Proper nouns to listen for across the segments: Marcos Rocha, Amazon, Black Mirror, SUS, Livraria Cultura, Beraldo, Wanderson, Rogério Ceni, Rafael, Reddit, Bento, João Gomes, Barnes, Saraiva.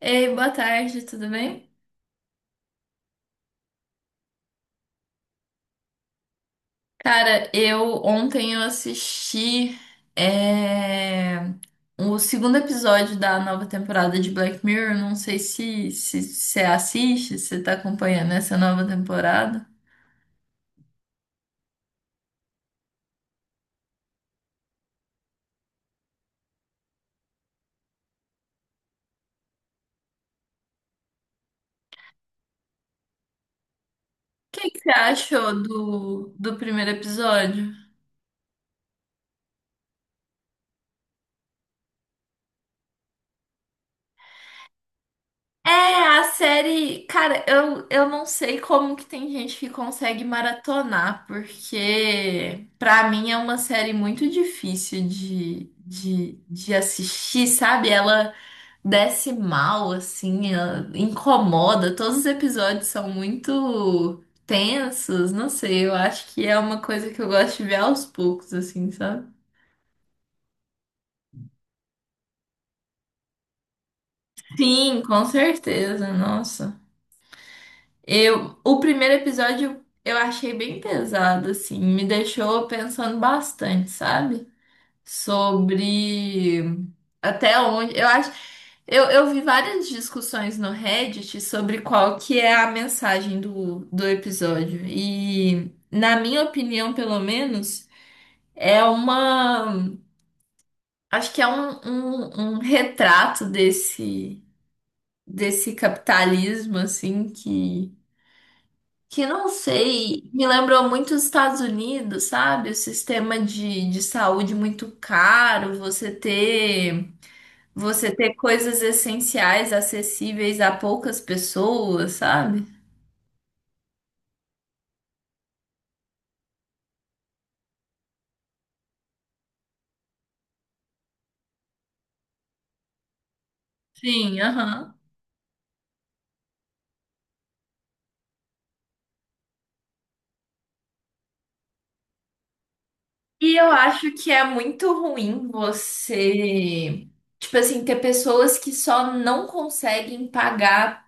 Ei, boa tarde, tudo bem? Cara, eu ontem eu assisti é, o segundo episódio da nova temporada de Black Mirror. Não sei se você assiste, se você tá acompanhando essa nova temporada. O que que você achou do primeiro episódio? É, a série, cara, eu não sei como que tem gente que consegue maratonar, porque pra mim é uma série muito difícil de assistir, sabe? Ela desce mal, assim, ela incomoda, todos os episódios são muito tensos, não sei, eu acho que é uma coisa que eu gosto de ver aos poucos, assim, sabe? Sim, com certeza, nossa. Eu, o primeiro episódio eu achei bem pesado, assim, me deixou pensando bastante, sabe? Sobre até onde. Eu acho. Eu vi várias discussões no Reddit sobre qual que é a mensagem do episódio. E, na minha opinião, pelo menos, é uma. Acho que é um retrato desse capitalismo, assim, que não sei, me lembrou muito os Estados Unidos, sabe? O sistema de saúde muito caro, você ter coisas essenciais acessíveis a poucas pessoas, sabe? Sim, aham. E eu acho que é muito ruim você, tipo assim, ter pessoas que só não conseguem pagar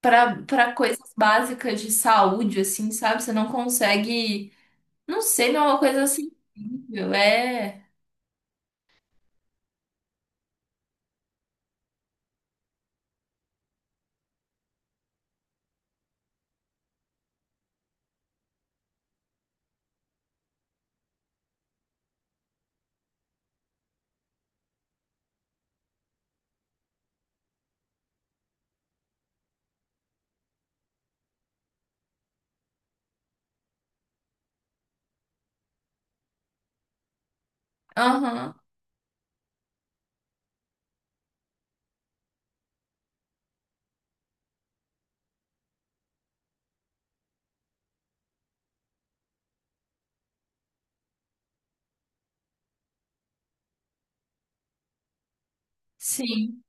para coisas básicas de saúde, assim, sabe? Você não consegue, não sei, não é uma coisa assim. É. Aham, sim.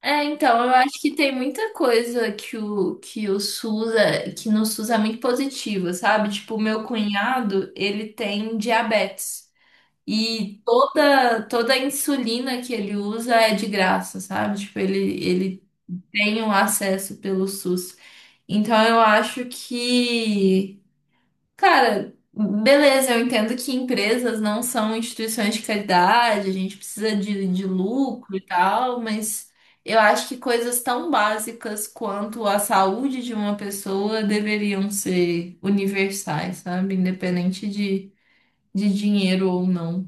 É, então, eu acho que tem muita coisa que o SUS é, que no SUS é muito positiva, sabe? Tipo, o meu cunhado, ele tem diabetes. E toda, toda a insulina que ele usa é de graça, sabe? Tipo, ele tem o acesso pelo SUS. Então, eu acho que cara, beleza, eu entendo que empresas não são instituições de caridade, a gente precisa de lucro e tal, mas eu acho que coisas tão básicas quanto a saúde de uma pessoa deveriam ser universais, sabe? Independente de dinheiro ou não.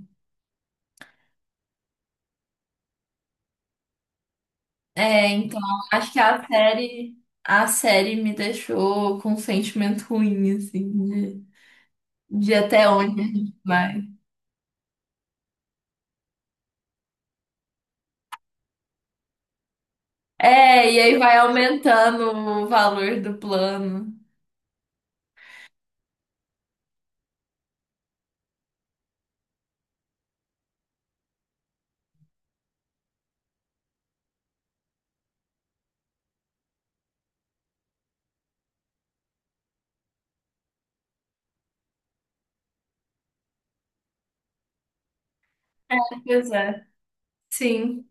É, então, acho que a série me deixou com um sentimento ruim, assim, de, de até onde a gente vai. É, e aí vai aumentando o valor do plano. Pois é. Sim.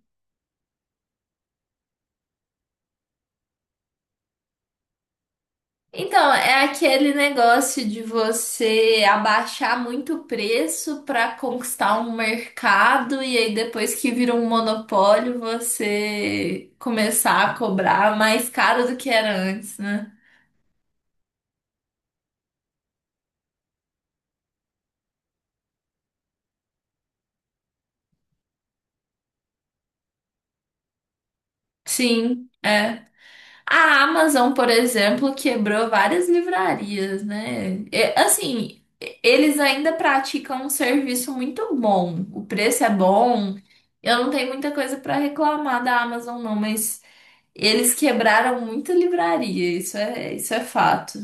Então, é aquele negócio de você abaixar muito o preço para conquistar um mercado e aí depois que vira um monopólio, você começar a cobrar mais caro do que era antes, né? Sim, é. A Amazon, por exemplo, quebrou várias livrarias, né? É, assim, eles ainda praticam um serviço muito bom. O preço é bom. Eu não tenho muita coisa para reclamar da Amazon, não, mas eles quebraram muita livraria. Isso é fato.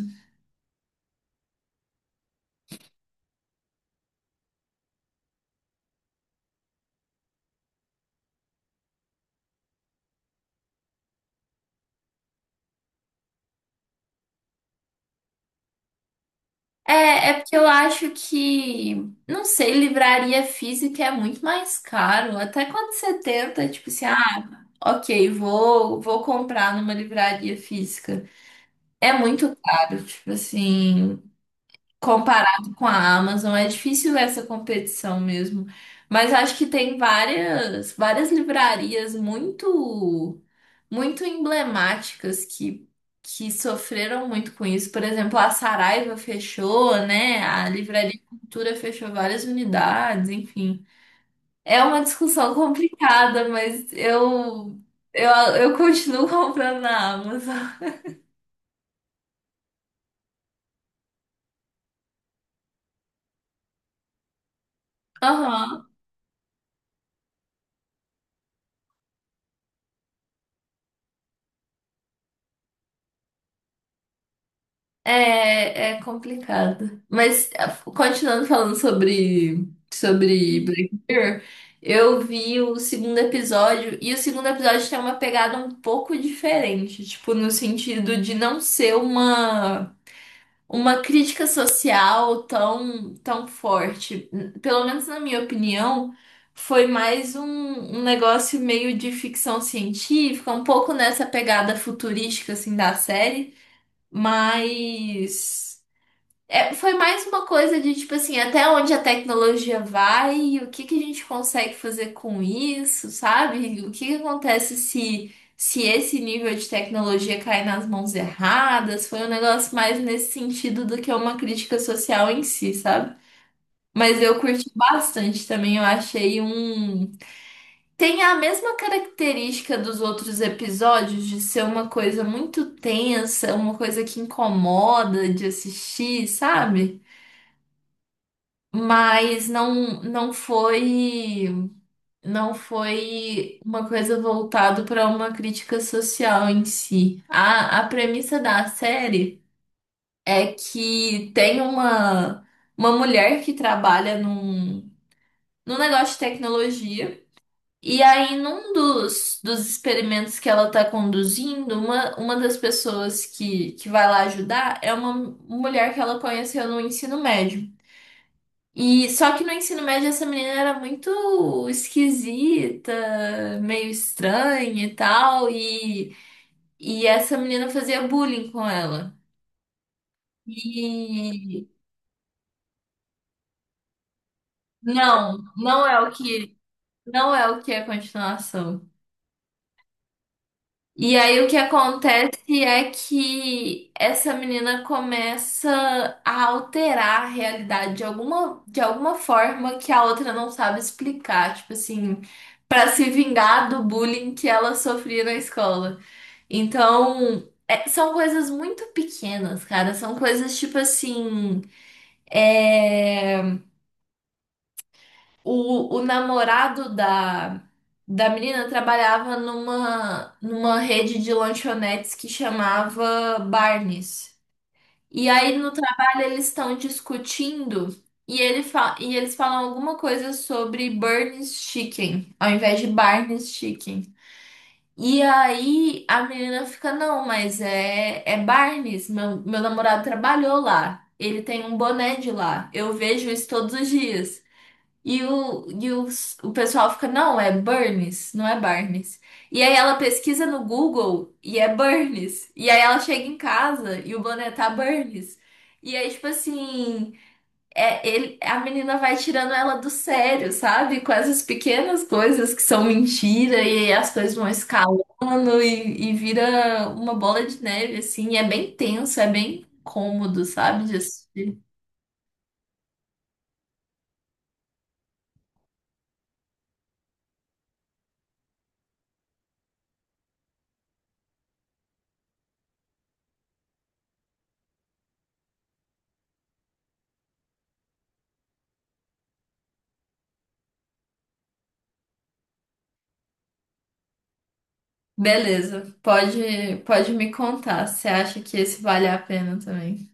É, é porque eu acho que, não sei, livraria física é muito mais caro. Até quando você tenta, tipo assim, ah, ok, vou comprar numa livraria física. É muito caro, tipo assim, comparado com a Amazon, é difícil essa competição mesmo. Mas acho que tem várias livrarias muito, muito emblemáticas que sofreram muito com isso. Por exemplo, a Saraiva fechou, né? A Livraria Cultura fechou várias unidades, enfim. É uma discussão complicada, mas eu, eu continuo comprando na Amazon. Aham. É, é complicado. Mas ah, continuando falando sobre Black Mirror, eu vi o segundo episódio e o segundo episódio tem uma pegada um pouco diferente, tipo no sentido de não ser uma crítica social tão forte. Pelo menos na minha opinião, foi mais um negócio meio de ficção científica, um pouco nessa pegada futurística assim da série, mas é, foi mais uma coisa de tipo assim, até onde a tecnologia vai e o que que a gente consegue fazer com isso, sabe? O que que acontece se esse nível de tecnologia cai nas mãos erradas? Foi um negócio mais nesse sentido do que uma crítica social em si, sabe? Mas eu curti bastante também, eu achei um tem a mesma característica dos outros episódios de ser uma coisa muito tensa, uma coisa que incomoda de assistir, sabe? Mas não não foi não foi uma coisa voltada para uma crítica social em si. A premissa da série é que tem uma mulher que trabalha num negócio de tecnologia e aí num dos experimentos que ela está conduzindo, uma das pessoas que vai lá ajudar é uma mulher que ela conheceu no ensino médio. E só que no ensino médio essa menina era muito esquisita, meio estranha e tal, e essa menina fazia bullying com ela. E não é o que, não é o que é a continuação. E aí o que acontece é que essa menina começa a alterar a realidade de alguma forma que a outra não sabe explicar, tipo assim, para se vingar do bullying que ela sofria na escola. Então, é- são coisas muito pequenas, cara, são coisas tipo assim, é, o namorado da menina trabalhava numa rede de lanchonetes que chamava Barnes. E aí no trabalho eles estão discutindo e, ele fa e eles falam alguma coisa sobre Burns Chicken, ao invés de Barnes Chicken. E aí a menina fica, não, mas é Barnes, meu namorado trabalhou lá. Ele tem um boné de lá. Eu vejo isso todos os dias. E o, e o, o pessoal fica, não, é Burns, não é Barnes. E aí ela pesquisa no Google e é Burns. E aí ela chega em casa e o boné tá Burns. E aí, tipo assim, a menina vai tirando ela do sério, sabe? Com essas pequenas coisas que são mentira, e aí as coisas vão escalando e vira uma bola de neve, assim. E é bem tenso, é bem cômodo, sabe? Disso beleza, pode me contar. Você acha que esse vale a pena também?